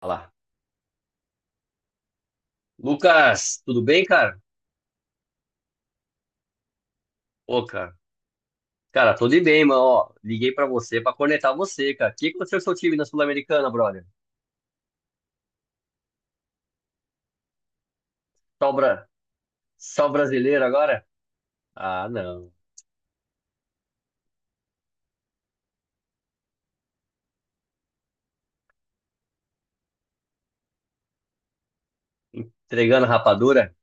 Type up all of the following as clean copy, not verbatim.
Fala. Lucas, tudo bem, cara? Ô, cara. Cara, tudo bem, mano. Ó, liguei pra você pra conectar você, cara. O que aconteceu com o seu time na Sul-Americana, brother? Só, o bra... Só o brasileiro agora? Ah, não. Entregando rapadura?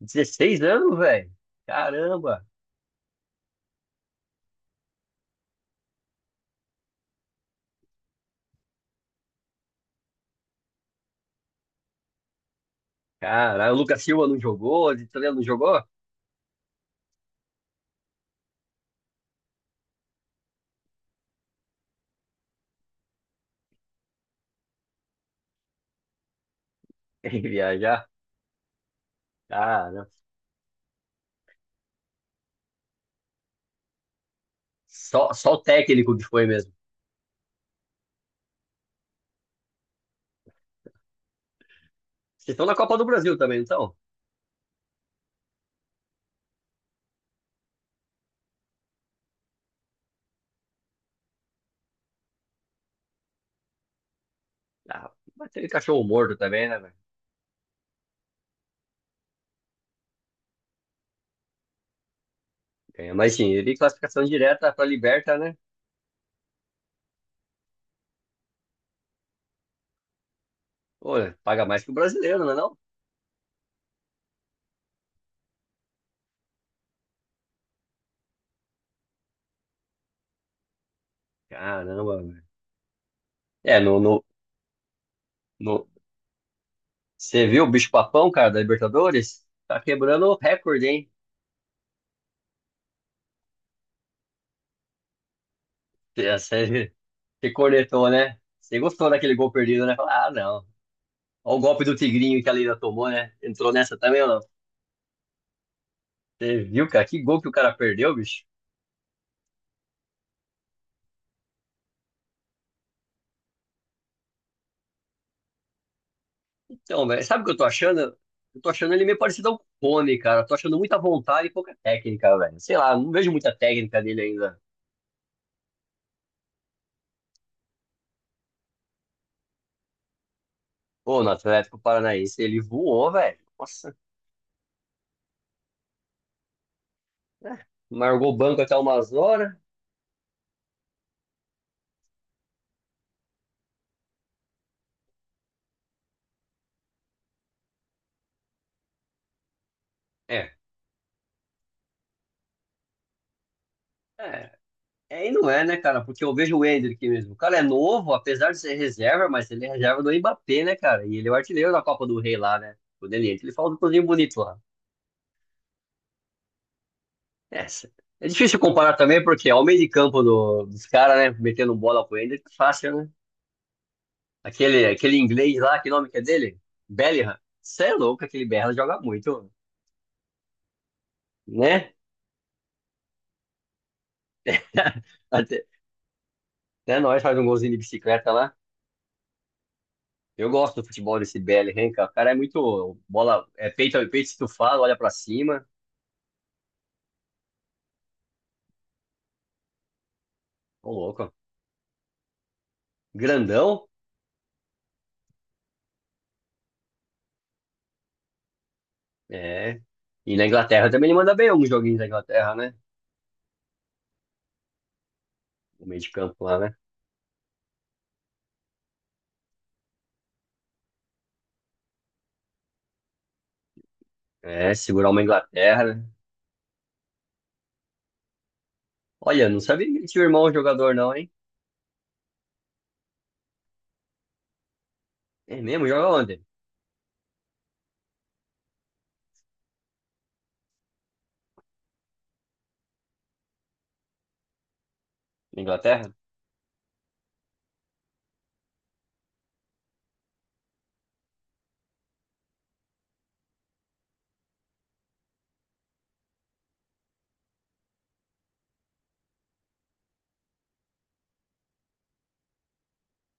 16 anos, velho. Caramba. Caralho, o Lucas Silva não jogou? O Vitória não jogou? Quem viajar? Caramba. Só o técnico que foi mesmo. Vocês estão na Copa do Brasil também, não estão? Ah, mas teve cachorro morto também, né, velho? Ganha mais dinheiro e classificação direta pra Liberta, né? Pô, paga mais que o brasileiro, não é não? Caramba, velho. É, no, no, no... Você viu o bicho-papão, cara, da Libertadores? Tá quebrando o recorde, hein? Você você cornetou, né? Você gostou daquele gol perdido, né? Fala. Ah, não. Olha o golpe do Tigrinho que a Leila tomou, né? Entrou nessa também ou não? Você viu, cara? Que gol que o cara perdeu, bicho? Então, velho, sabe o que eu tô achando? Eu tô achando ele meio parecido ao Cone, cara. Tô achando muita vontade e pouca técnica, velho. Sei lá, não vejo muita técnica dele ainda. Pô, no Atlético Paranaense ele voou, velho. Nossa. Né? Largou o banco até umas horas. É, é, é e não é, né, cara? Porque eu vejo o Ender aqui mesmo. O cara é novo, apesar de ser reserva, mas ele é reserva do Mbappé, né, cara? E ele é o artilheiro da Copa do Rei lá, né? Quando ele entra, ele fala um cozinho bonito lá. É, é difícil comparar também, porque é o meio de campo dos caras, né? Metendo bola pro Ender, fácil, né? Aquele inglês lá, que nome que é dele? Bellingham. Você é louco, aquele Bellingham joga muito, né? Até, até nós faz um golzinho de bicicleta lá. Eu gosto do futebol desse BL, hein, cara. O cara é muito. Bola, é peito estufado, olha pra cima. Ô, louco. Grandão? É. E na Inglaterra também ele manda bem alguns joguinhos da Inglaterra, né? O meio de campo lá, né? É, segurar uma Inglaterra, né? Olha, não sabia que ele tinha um irmão jogador, não, hein? É mesmo? Joga onde? Na Inglaterra?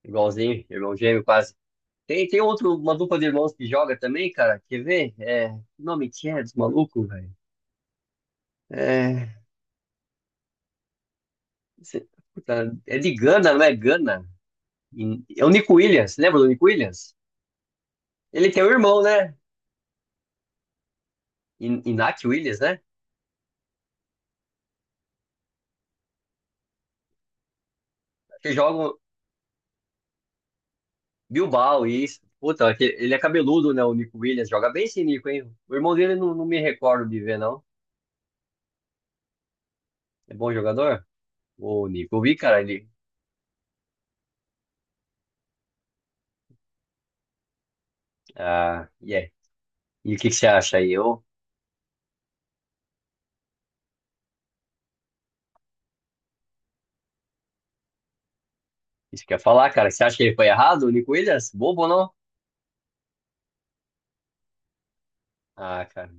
Igualzinho, irmão gêmeo, quase. Tem outro, uma dupla de irmãos que joga também, cara. Quer ver? É. Que nome que é dos malucos, velho? É. se- puta, é de Gana, não é Gana? É o Nico Williams, lembra do Nico Williams? Ele tem um irmão, né? Iñaki Williams, né? Que joga Bilbao e isso. Puta, ele é cabeludo, né? O Nico Williams joga bem esse Nico, hein? O irmão dele não, não me recordo de ver, não. É bom jogador? O Nico, eu vi, cara, ele. Ah, yeah. E o que que você acha aí? Isso que eu ia falar, cara. Você acha que ele foi errado, o Nico Williams? Bobo, ou não? Ah, cara.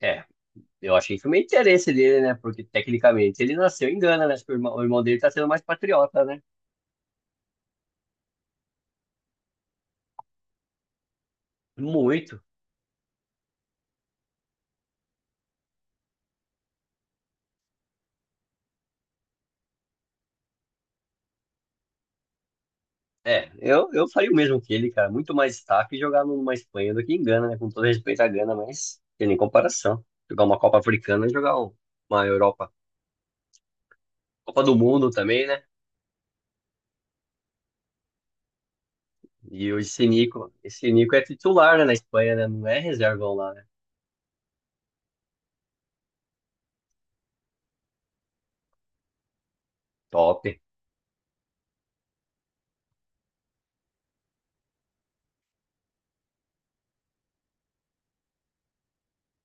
É, eu, achei que foi meio interesse dele, né? Porque tecnicamente ele nasceu em Gana, né? Acho que o irmão dele tá sendo mais patriota, né? Muito. É, eu faria o mesmo que ele, cara. Muito mais destaque jogar numa Espanha do que em Gana, né? Com todo respeito à Gana, mas tem nem comparação. Jogar uma Copa Africana e jogar uma Europa. Copa do Mundo também, né? E esse Nico é titular, né, na Espanha, né? Não é reservão lá, né? Top.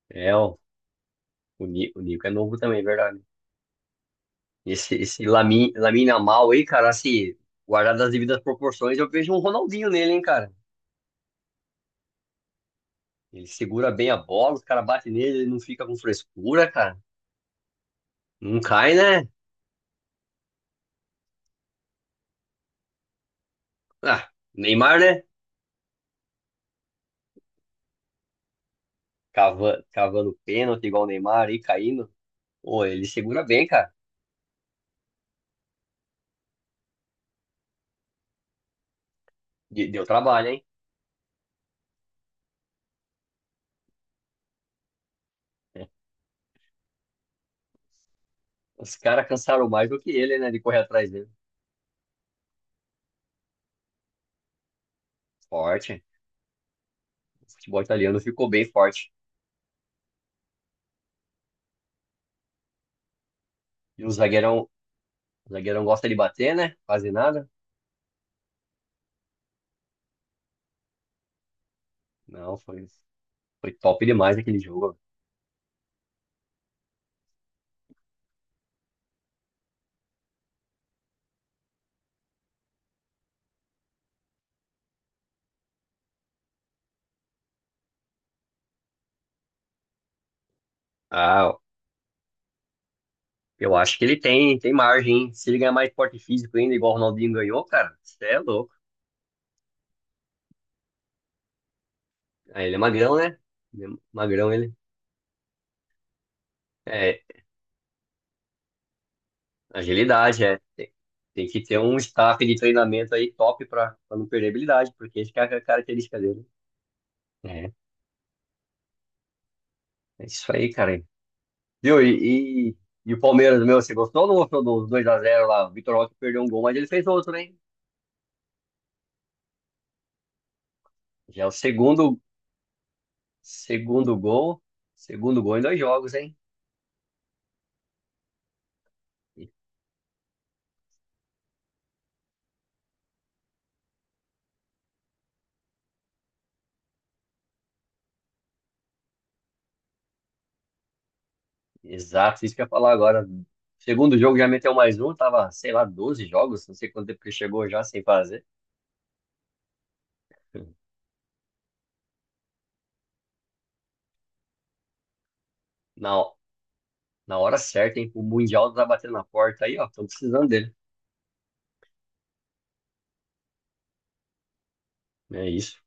É, ó, o Nico é novo também, é verdade. Esse Lamine Yamal aí, cara, assim, guardado as devidas proporções, eu vejo um Ronaldinho nele, hein, cara. Ele segura bem a bola, os caras batem nele, ele não fica com frescura, cara. Não cai, né? Ah, Neymar, né? Cavando pênalti igual o Neymar aí caindo. Pô, ele segura bem, cara. Deu trabalho, hein? É. Os caras cansaram mais do que ele, né? De correr atrás dele. Forte. O futebol italiano ficou bem forte. E o zagueirão gosta de bater, né? Quase nada. Não, foi top demais aquele jogo. Ah, eu acho que ele tem margem, hein? Se ele ganhar mais porte físico ainda, igual o Ronaldinho ganhou, cara, você é louco. Ah, ele é magrão, né? Ele é magrão, ele. É, agilidade, é. Tem que ter um staff de treinamento aí top pra, não perder habilidade, porque essa que é a característica dele. É, é isso aí, cara. Viu? E o Palmeiras, meu, você gostou ou não gostou dos 2x0 lá? O Vitor Roque perdeu um gol, mas ele fez outro, hein? Já é o segundo gol. Segundo gol em dois jogos, hein? E- Exato, isso que eu ia falar agora. Segundo jogo já meteu mais um, tava, sei lá, 12 jogos, não sei quanto tempo que chegou já sem fazer. Não, na hora certa, hein? O Mundial tá batendo na porta aí, ó. Estão precisando dele. É isso.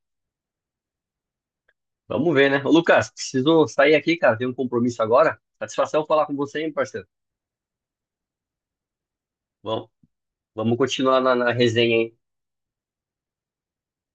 Vamos ver, né? Ô, Lucas, preciso sair aqui, cara. Tenho um compromisso agora. Satisfação falar com você, hein, parceiro? Vamos, vamos continuar na resenha, hein?